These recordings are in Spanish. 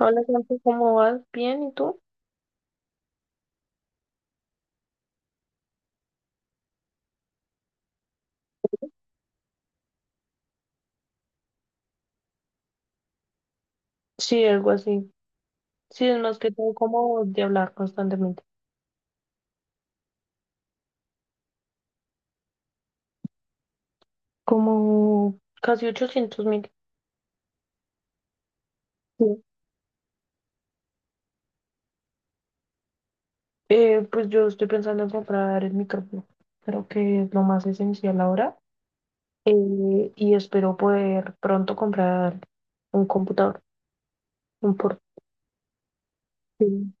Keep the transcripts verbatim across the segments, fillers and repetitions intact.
Hola, Santi, ¿cómo vas? ¿Bien? ¿Y tú? Sí, algo así. Sí, es más que todo como de hablar constantemente. Como casi ochocientos mil. Sí. Eh, pues yo estoy pensando en comprar el micrófono. Creo que es lo más esencial ahora. Eh, y espero poder pronto comprar un computador, un portátil.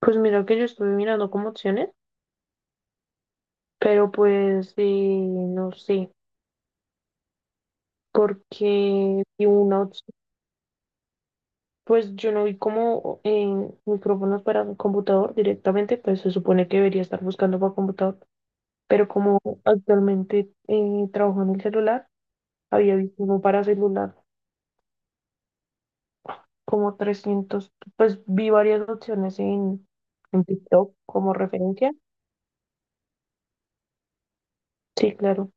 Pues mira que yo estuve mirando como opciones, pero pues eh, no sé, porque vi una opción. Pues yo no vi como eh, micrófonos para un computador directamente, pues se supone que debería estar buscando para computador, pero como actualmente eh, trabajo en el celular, había visto uno para celular como trescientos. Pues vi varias opciones en, en TikTok como referencia. Sí, claro.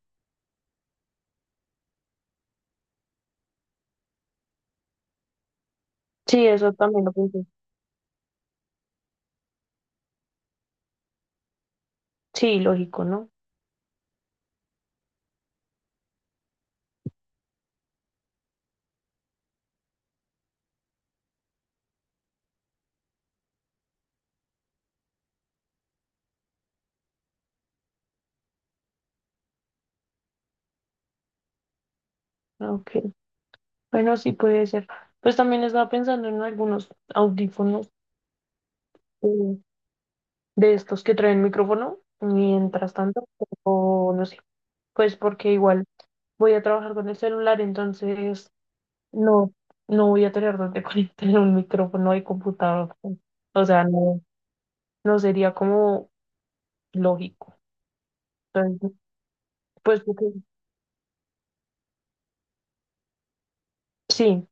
Sí, eso también lo pensé. Sí, lógico, ¿no? Ah, ok, bueno, sí puede ser. Pues también estaba pensando en algunos audífonos, eh, de estos que traen micrófono. Mientras tanto, o no sé, pues porque igual voy a trabajar con el celular, entonces no, no voy a tener donde conectar un micrófono y computador. O sea, no, no sería como lógico. Entonces, pues porque sí,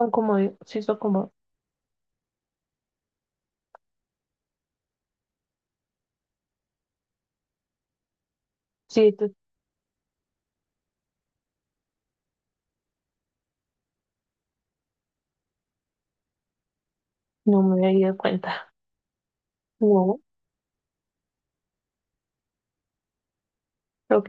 son como, sí son como, sí, esto- no me había dado cuenta. No, ok.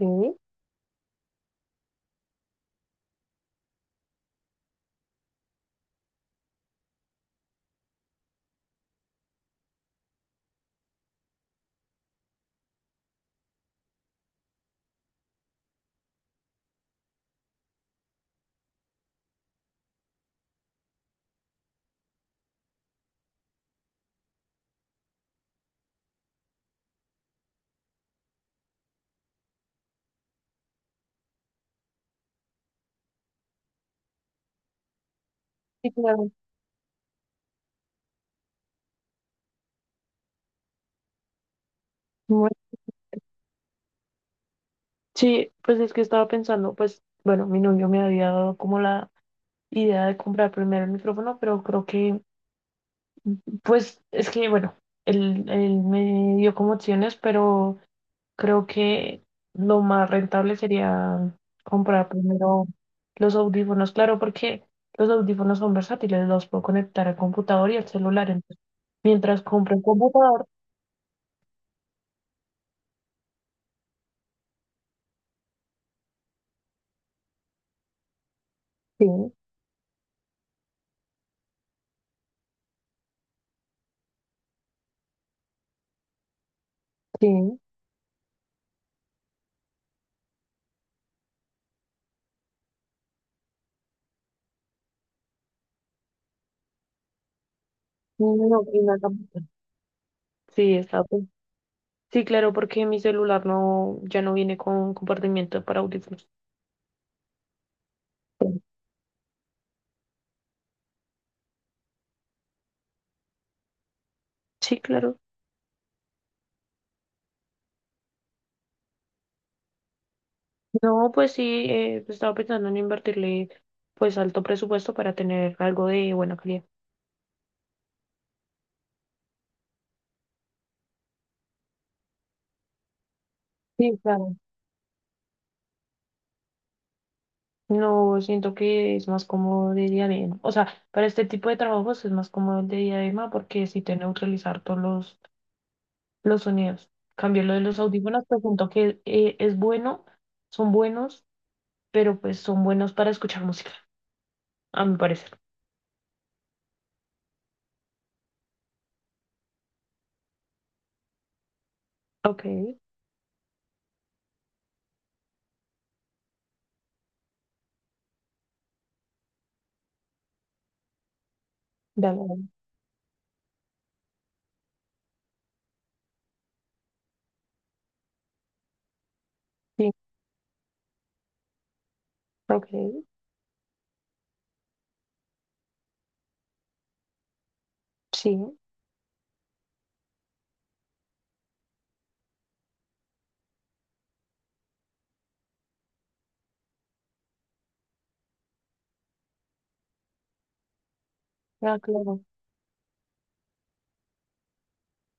Sí, claro. Bueno, sí, pues es que estaba pensando, pues, bueno, mi novio me había dado como la idea de comprar primero el micrófono, pero creo que, pues, es que, bueno, él, él me dio como opciones, pero creo que lo más rentable sería comprar primero los audífonos, claro, porque los audífonos son versátiles, los puedo conectar al computador y al celular, entonces, mientras compro el computador, sí, sí, no, y una computadora. Sí, está bien. Sí, claro, porque mi celular no, ya no viene con compartimiento para audífonos. Sí, claro. No, pues sí, eh, pues, estaba pensando en invertirle pues alto presupuesto para tener algo de buena calidad. Sí, claro. No, siento que es más cómodo de diadema. O sea, para este tipo de trabajos es más cómodo el de diadema porque si te neutralizar todos los, los sonidos. Cambio lo de los audífonos, pues siento que eh, es bueno, son buenos, pero pues son buenos para escuchar música, a mi parecer. Ok, dale, dale. Sí, ok, sí, ah, claro.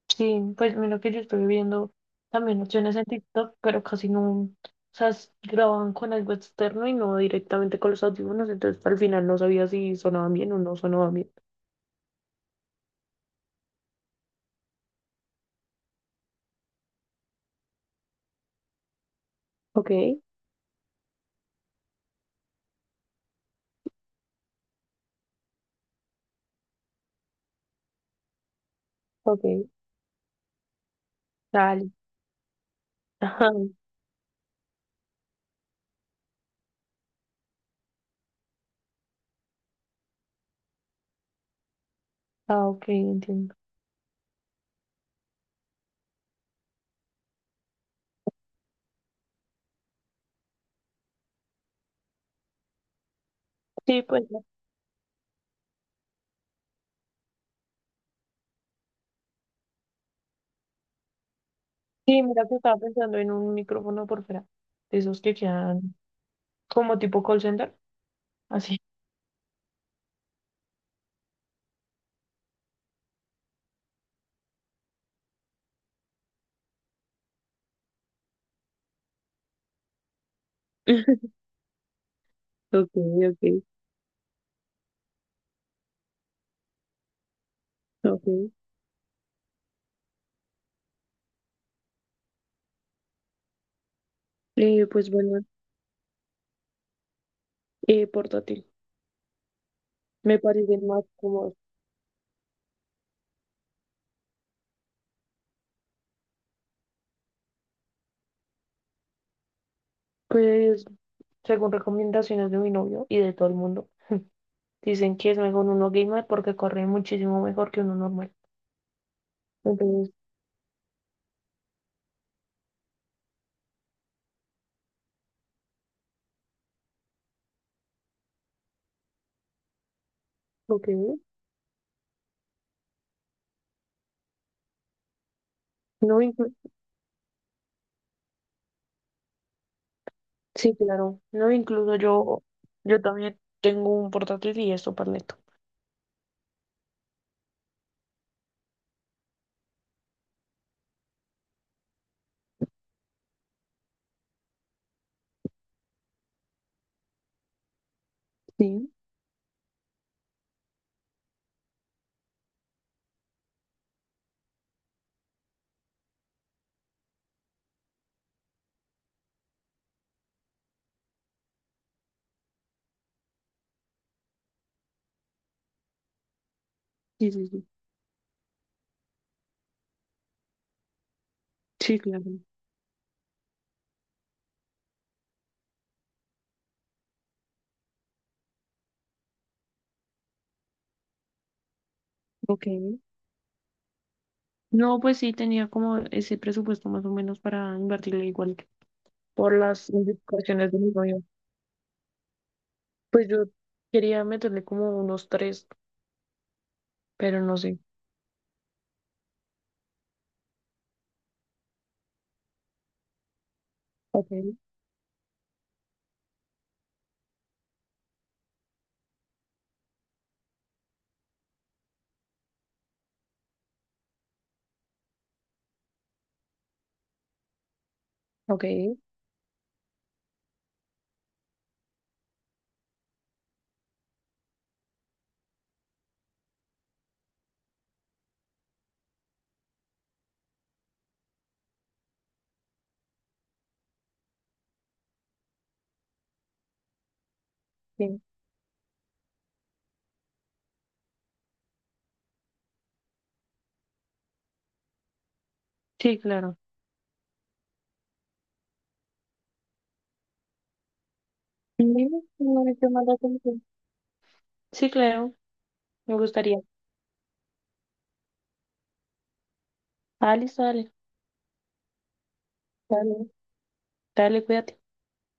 Sí, pues mira que yo estoy viendo también opciones en TikTok, pero casi no, o sea, s- grababan con algo externo y no directamente con los audífonos, entonces al final no sabía si sonaban bien o no sonaban bien. Ok, ok, dale. Ajá. Ah, ok, entiendo. Sí, pues ya. Sí, mira que estaba pensando en un micrófono por fuera, de esos que quedan como tipo call center, así. Ok, ok, ok. Eh, pues bueno, eh, portátil. Me parecen más cómodos. Pues según recomendaciones de mi novio y de todo el mundo, dicen que es mejor uno gamer porque corre muchísimo mejor que uno normal. Entonces, lo que vi, no inclu- sí, claro, no incluso yo, yo también tengo un portátil y esto para neto. Sí, sí, sí, sí. Sí, claro. Ok. No, pues sí tenía como ese presupuesto más o menos para invertirle igual que por las indicaciones de mi novio. Pues yo quería meterle como unos tres, pero no sé. Ok, ok. Sí. Sí, claro. Dime, dime, ¿qué más da contigo? Sí, claro, me gustaría. Ah, listo, dale, dale, dale, cuídate.